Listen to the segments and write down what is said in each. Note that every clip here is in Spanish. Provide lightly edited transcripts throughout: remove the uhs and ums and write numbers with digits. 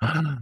Ah,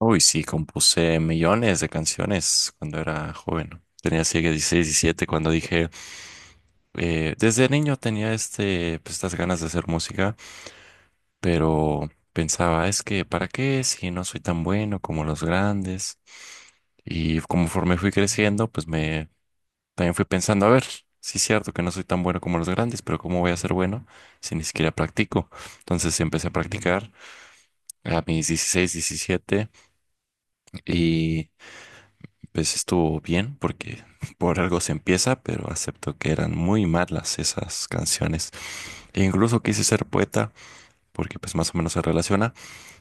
uy, sí, compuse millones de canciones cuando era joven. Tenía así que 16, 17 cuando dije, desde niño tenía este, pues, estas ganas de hacer música, pero pensaba, es que, ¿para qué si no soy tan bueno como los grandes? Y conforme fui creciendo, pues me también fui pensando, a ver, sí es cierto que no soy tan bueno como los grandes, pero ¿cómo voy a ser bueno si ni siquiera practico? Entonces empecé a practicar a mis 16 17 y... Pues estuvo bien porque por algo se empieza, pero acepto que eran muy malas esas canciones. E incluso quise ser poeta porque pues más o menos se relaciona,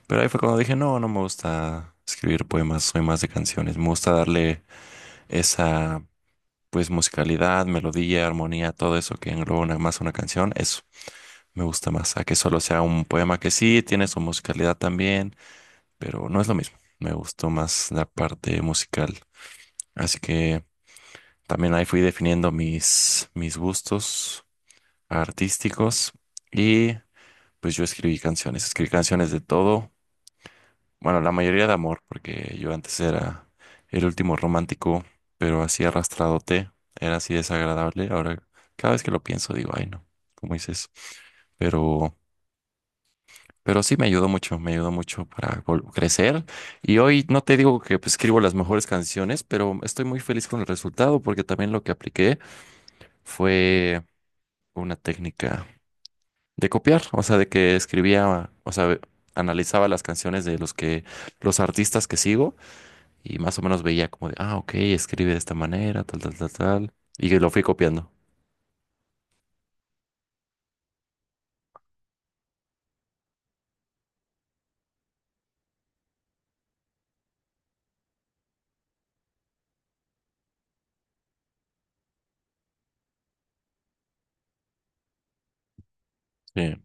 pero ahí fue cuando dije, no, no me gusta escribir poemas, soy más de canciones, me gusta darle esa pues musicalidad, melodía, armonía, todo eso que engloba una, más una canción, eso me gusta más, a que solo sea un poema que sí tiene su musicalidad también, pero no es lo mismo, me gustó más la parte musical. Así que... También ahí fui definiendo mis gustos artísticos y pues yo escribí canciones de todo, bueno, la mayoría de amor, porque yo antes era el último romántico, pero así arrastradote, era así desagradable. Ahora cada vez que lo pienso digo, ay no, ¿cómo hice eso? Pero, pero sí me ayudó mucho para crecer. Y hoy no te digo que pues, escribo las mejores canciones, pero estoy muy feliz con el resultado porque también lo que apliqué fue una técnica de copiar, o sea, de que escribía, o sea, analizaba las canciones de los que, los artistas que sigo y más o menos veía como de, ah, ok, escribe de esta manera, tal, tal, tal, tal, y lo fui copiando. Sí,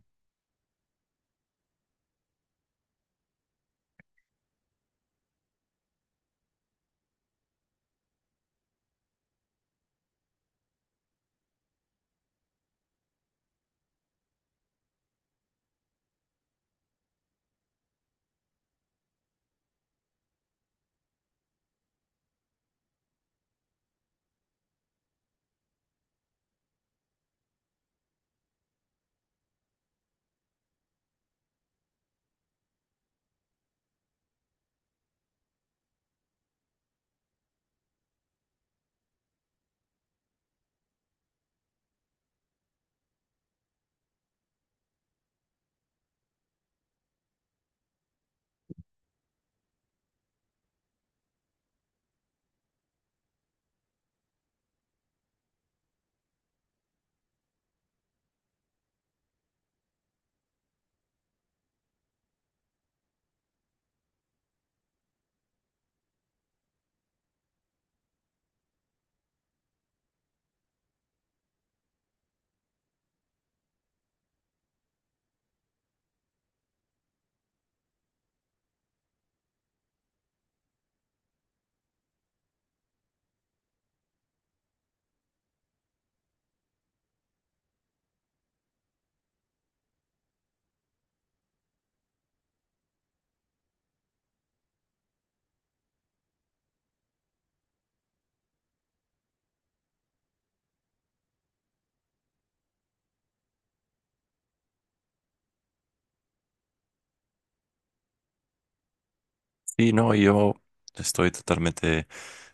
sí, no, yo estoy totalmente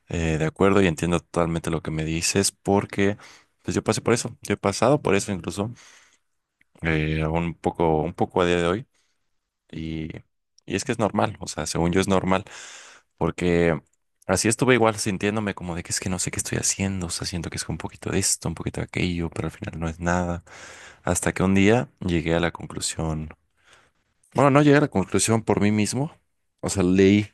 de acuerdo y entiendo totalmente lo que me dices porque, pues yo pasé por eso, yo he pasado por eso incluso, un poco a día de hoy. Y, y es que es normal, o sea, según yo es normal, porque así estuve igual sintiéndome como de que es que no sé qué estoy haciendo, o sea, siento que es un poquito de esto, un poquito de aquello, pero al final no es nada. Hasta que un día llegué a la conclusión, bueno, no llegué a la conclusión por mí mismo, o sea, leí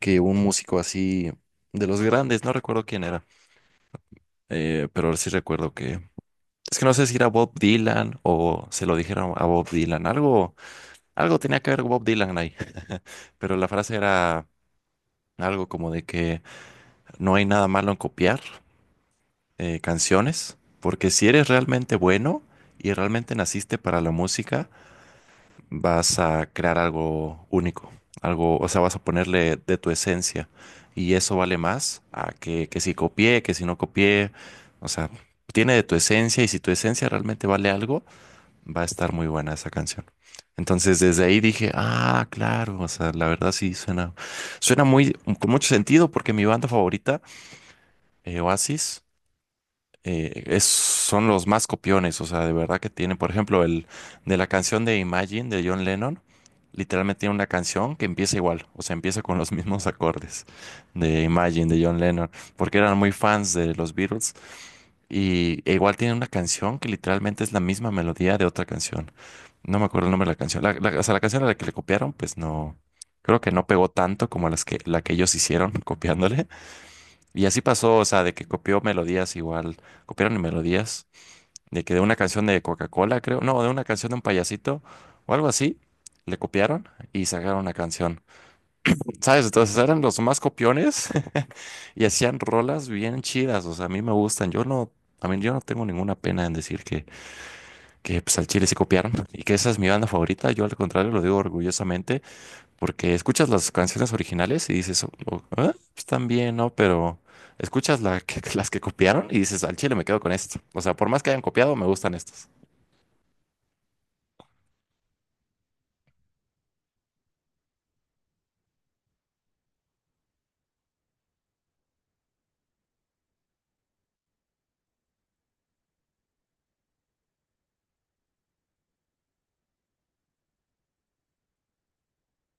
que un músico así de los grandes, no recuerdo quién era, pero sí recuerdo que, es que no sé si era Bob Dylan o se lo dijeron a Bob Dylan, algo, algo tenía que ver Bob Dylan ahí, pero la frase era... Algo como de que no hay nada malo en copiar canciones, porque si eres realmente bueno y realmente naciste para la música, vas a crear algo único, algo, o sea, vas a ponerle de tu esencia y eso vale más a que si copié, que si no copié, o sea, tiene de tu esencia y si tu esencia realmente vale algo, va a estar muy buena esa canción. Entonces desde ahí dije, ah, claro, o sea, la verdad sí suena, suena muy, con mucho sentido porque mi banda favorita Oasis son los más copiones, o sea, de verdad que tienen, por ejemplo, el de la canción de Imagine de John Lennon, literalmente tiene una canción que empieza igual, o sea, empieza con los mismos acordes de Imagine de John Lennon, porque eran muy fans de los Beatles y e igual tiene una canción que literalmente es la misma melodía de otra canción. No me acuerdo el nombre de la canción, o sea, la canción a la que le copiaron, pues no. Creo que no pegó tanto como las que, la que ellos hicieron copiándole, y así pasó, o sea, de que copió melodías igual, copiaron melodías, de que de una canción de Coca-Cola, creo, no, de una canción de un payasito o algo así, le copiaron y sacaron una canción. ¿Sabes? Entonces eran los más copiones y hacían rolas bien chidas, o sea, a mí me gustan. Yo no, a mí yo no tengo ninguna pena en decir que pues, al Chile se copiaron y que esa es mi banda favorita. Yo al contrario lo digo orgullosamente porque escuchas las canciones originales y dices, "Oh, oh, ah, están bien, ¿no? Pero escuchas las que copiaron y dices, al chile me quedo con esto. O sea, por más que hayan copiado, me gustan estas.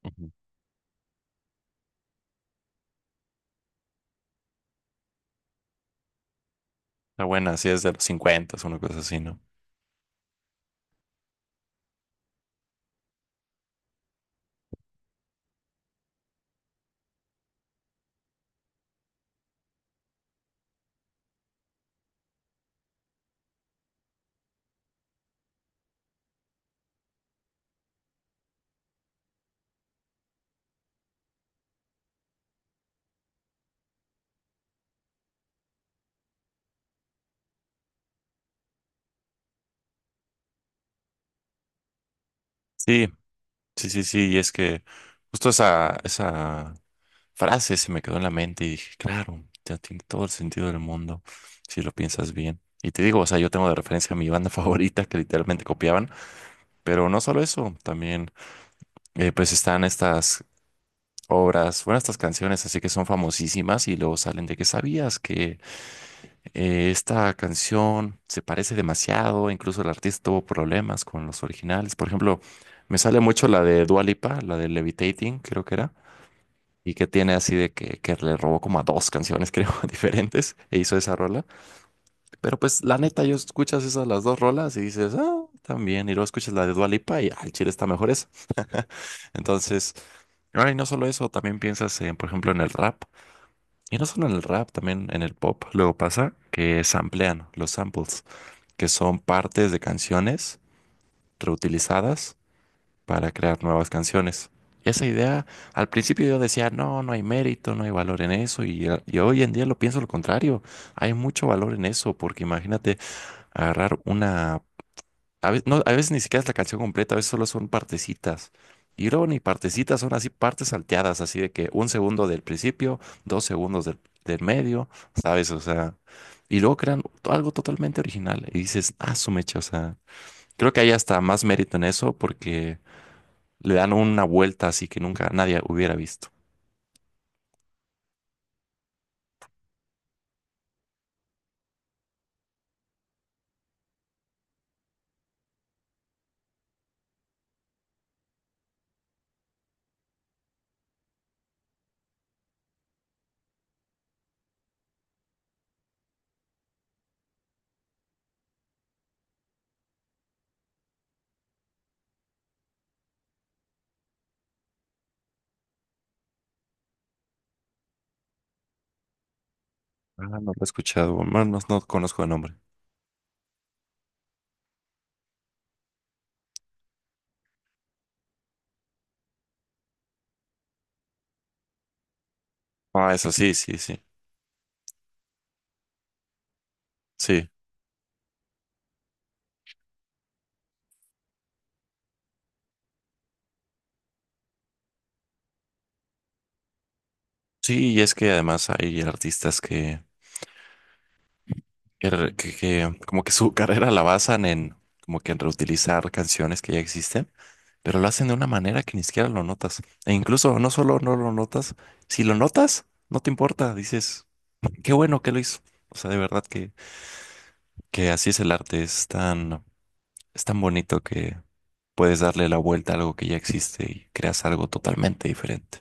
Ujú. Está buena, sí es de los 50, una cosa así, ¿no? Sí, sí, sí, sí. Y es que justo esa frase se me quedó en la mente y dije, claro, ya tiene todo el sentido del mundo si lo piensas bien. Y te digo, o sea, yo tengo de referencia a mi banda favorita que literalmente copiaban, pero no solo eso, también pues están estas obras. Bueno, estas canciones así que son famosísimas y luego salen de que sabías que esta canción se parece demasiado, incluso el artista tuvo problemas con los originales. Por ejemplo, me sale mucho la de Dua Lipa, la de Levitating, creo que era. Y que tiene así de que le robó como a dos canciones, creo, diferentes, e hizo esa rola. Pero pues la neta, yo escuchas esas las dos rolas y dices, ah, también. Y luego escuchas la de Dua Lipa y al chile está mejor esa. Entonces, ahora y no solo eso, también piensas en, por ejemplo, en el rap. Y no solo en el rap, también en el pop. Luego pasa que samplean los samples, que son partes de canciones reutilizadas para crear nuevas canciones. Y esa idea, al principio yo decía, no, no hay mérito, no hay valor en eso. Y y hoy en día lo pienso lo contrario. Hay mucho valor en eso, porque imagínate agarrar una a veces, no, a veces ni siquiera es la canción completa, a veces solo son partecitas. Y luego ni partecitas, son así partes salteadas, así de que un segundo del principio, dos segundos del medio, ¿sabes? O sea, y luego crean algo totalmente original. Y dices, ah, su mecha, o sea, creo que hay hasta más mérito en eso porque le dan una vuelta así que nunca nadie hubiera visto. Ah, no lo he escuchado, bueno, no, no conozco el nombre. Ah, eso sí, sí, sí, sí. Sí, y es que además hay artistas que que como que su carrera la basan en como que en reutilizar canciones que ya existen, pero lo hacen de una manera que ni siquiera lo notas. E incluso no solo no lo notas, si lo notas, no te importa, dices, qué bueno que lo hizo. O sea, de verdad que así es el arte, es tan bonito que puedes darle la vuelta a algo que ya existe y creas algo totalmente diferente.